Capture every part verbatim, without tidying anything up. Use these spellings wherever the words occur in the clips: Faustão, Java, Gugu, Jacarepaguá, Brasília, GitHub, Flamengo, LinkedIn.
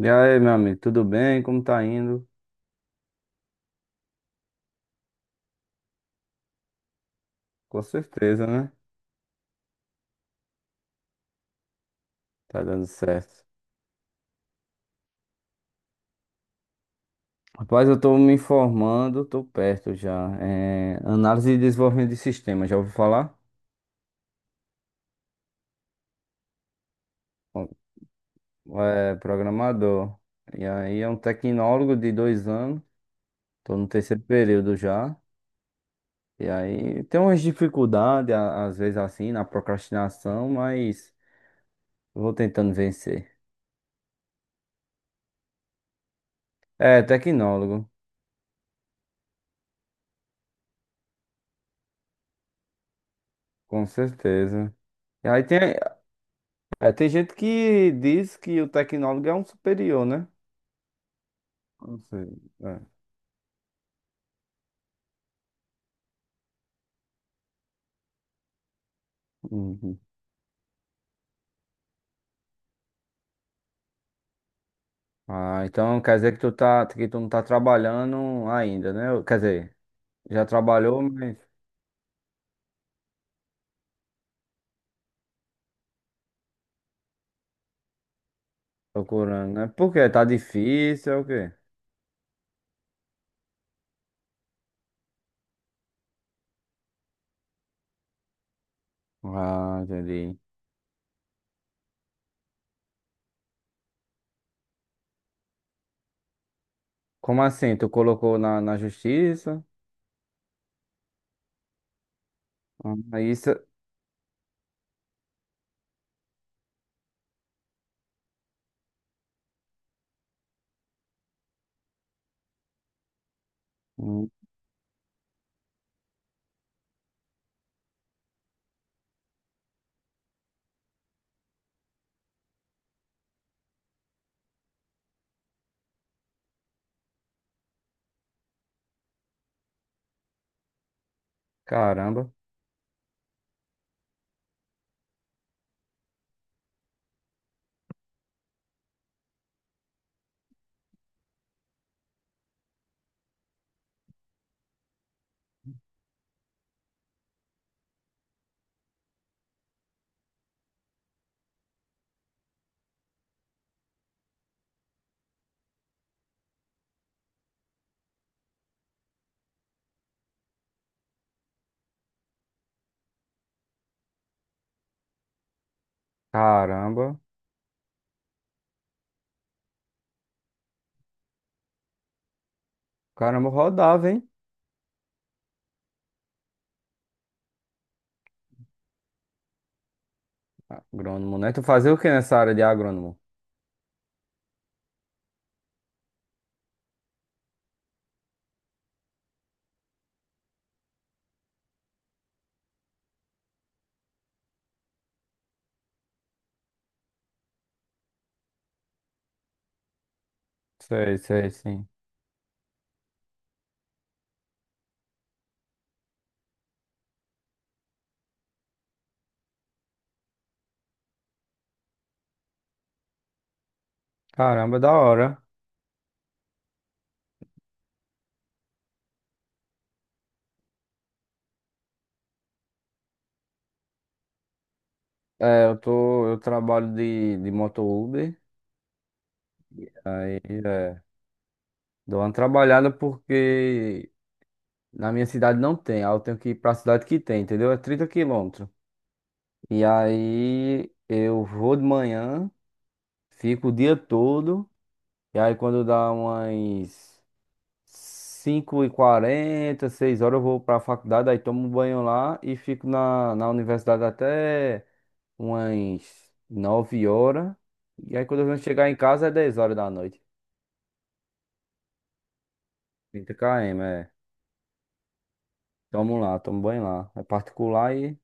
E aí, meu amigo, tudo bem? Como tá indo? Com certeza, né? Tá dando certo. Rapaz, eu tô me informando, tô perto já. É, análise e desenvolvimento de sistema, já ouviu falar? Bom, é programador. E aí é um tecnólogo de dois anos, tô no terceiro período já. E aí tem umas dificuldades, a- às vezes assim, na procrastinação, mas eu vou tentando vencer. É, tecnólogo, com certeza. E aí tem, é, tem gente que diz que o tecnólogo é um superior, né? Não sei. É. Uhum. Ah, então quer dizer que tu tá, que tu não tá trabalhando ainda, né? Ou, quer dizer, já trabalhou, mas procurando, né? Por quê? Tá difícil, é o quê? Ah, entendi. Como assim? Tu colocou na, na, justiça? Ah, isso. Hum, Caramba, caramba, caramba, rodava, hein? Agrônomo, né? Tu fazia o que nessa área de agrônomo? Sei, sei, sim. Caramba, da hora. É, eu tô, eu trabalho de, de moto Uber, aí é, dou uma trabalhada porque na minha cidade não tem, aí eu tenho que ir pra cidade que tem, entendeu? É trinta quilômetros. E aí eu vou de manhã, fico o dia todo, e aí quando dá umas cinco e quarenta seis horas eu vou pra faculdade, aí tomo um banho lá e fico na, na, universidade até umas nove horas, e aí quando eu venho chegar em casa é dez horas da noite. trinta quilômetros, é. Toma lá, toma banho lá. É particular e.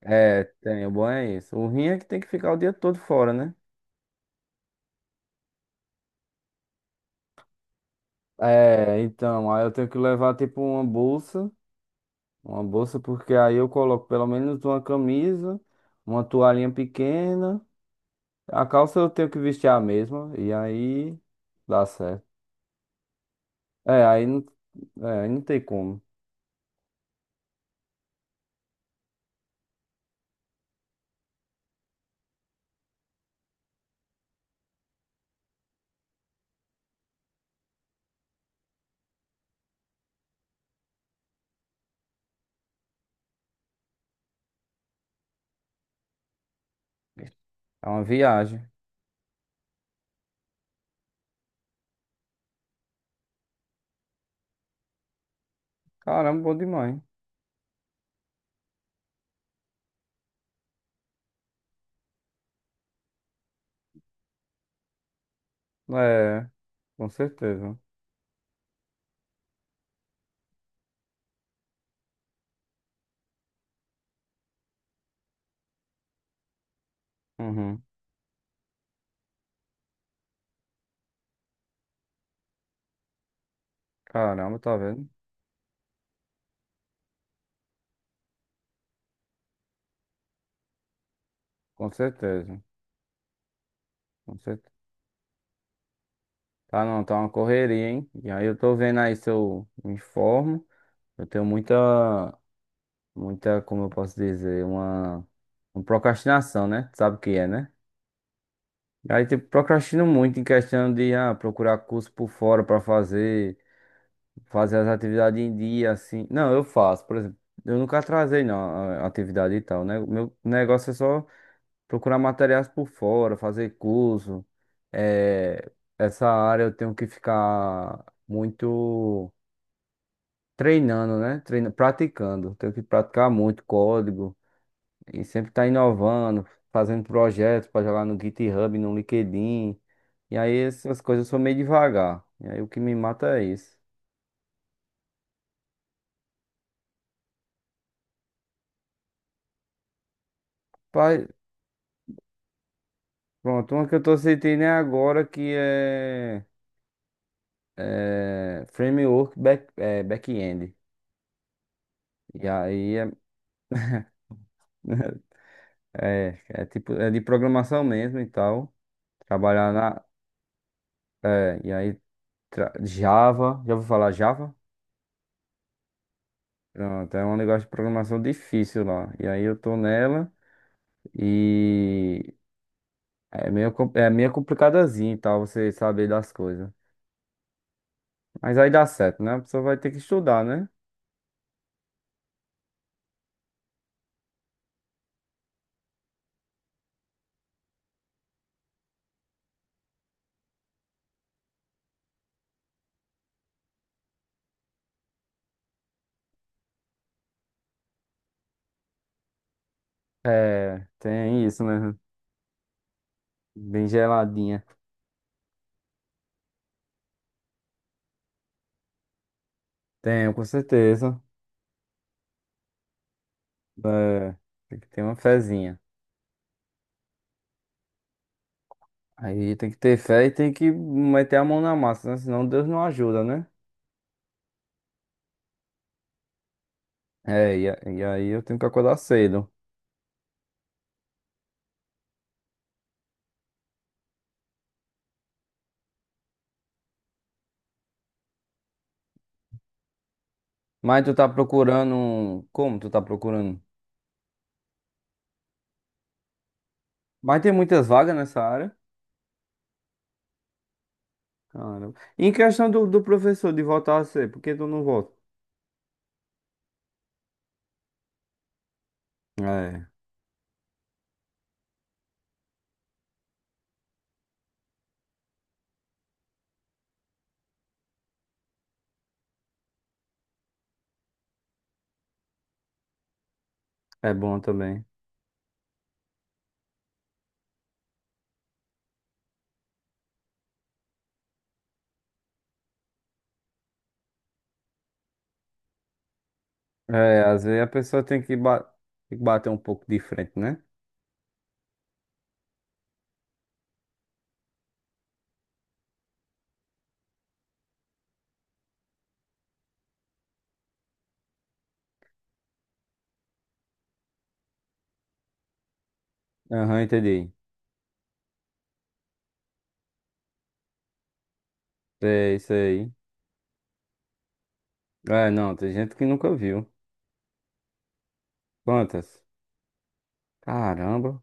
É, tem, o banho é isso. O rim é que tem que ficar o dia todo fora, né? É, então, aí eu tenho que levar tipo uma bolsa, uma bolsa, porque aí eu coloco pelo menos uma camisa, uma toalhinha pequena. A calça eu tenho que vestir a mesma, e aí dá certo. É, aí não, é, aí não tem como. É uma viagem. Caramba, bom demais. É, com certeza. Uhum. Caramba, tá vendo? Com certeza. Com certeza. Tá, não, tá uma correria, hein? E aí eu tô vendo aí se eu me informo. Eu tenho muita, muita, como eu posso dizer, uma, uma procrastinação, né? Tu sabe o que é, né? E aí, tipo, procrastino muito em questão de ah, procurar curso por fora pra fazer, fazer as atividades em dia, assim. Não, eu faço, por exemplo. Eu nunca atrasei, não, a a atividade e tal, né? O meu negócio é só procurar materiais por fora, fazer curso. É, essa área eu tenho que ficar muito treinando, né? Treina, praticando. Tenho que praticar muito código e sempre estar inovando, fazendo projetos para jogar no GitHub, no LinkedIn. E aí essas coisas eu sou meio devagar. E aí o que me mata é isso. Pai, pronto, uma que eu tô sentindo é agora que é, é framework back, é, back-end. E aí é É, é tipo, é de programação mesmo e tal. Trabalhar na. É, e aí, tra- Java, já vou falar Java? Pronto, é um negócio de programação difícil lá. E aí eu tô nela e é meio, com- é meio complicadazinho e tal, você saber das coisas. Mas aí dá certo, né? A pessoa vai ter que estudar, né? É, tem isso mesmo. Bem geladinha. Tenho, com certeza. É, tem que ter uma fezinha. Aí tem que ter fé e tem que meter a mão na massa, né? Senão Deus não ajuda, né? É, e, a- e aí eu tenho que acordar cedo. Mas tu tá procurando, um- como tu tá procurando? Mas tem muitas vagas nessa área. Caramba. E em questão do, do professor de voltar a ser, por que tu não volta? É, é bom também. É, às vezes a pessoa tem que, ba- tem que bater um pouco de frente, né? Aham, entendi. É isso aí. É, não, tem gente que nunca viu. Quantas? Caramba,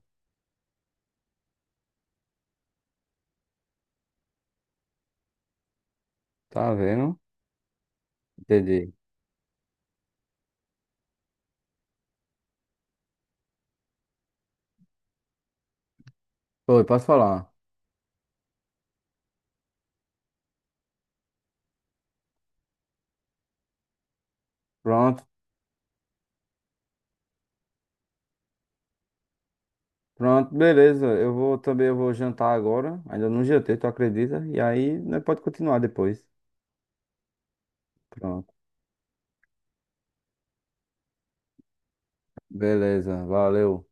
tá vendo? Entendi. Oi, posso falar? Pronto. Pronto, beleza. Eu vou também, eu vou jantar agora. Ainda não jantei, tu acredita? E aí, né, pode continuar depois. Pronto. Beleza. Valeu.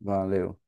Valeu.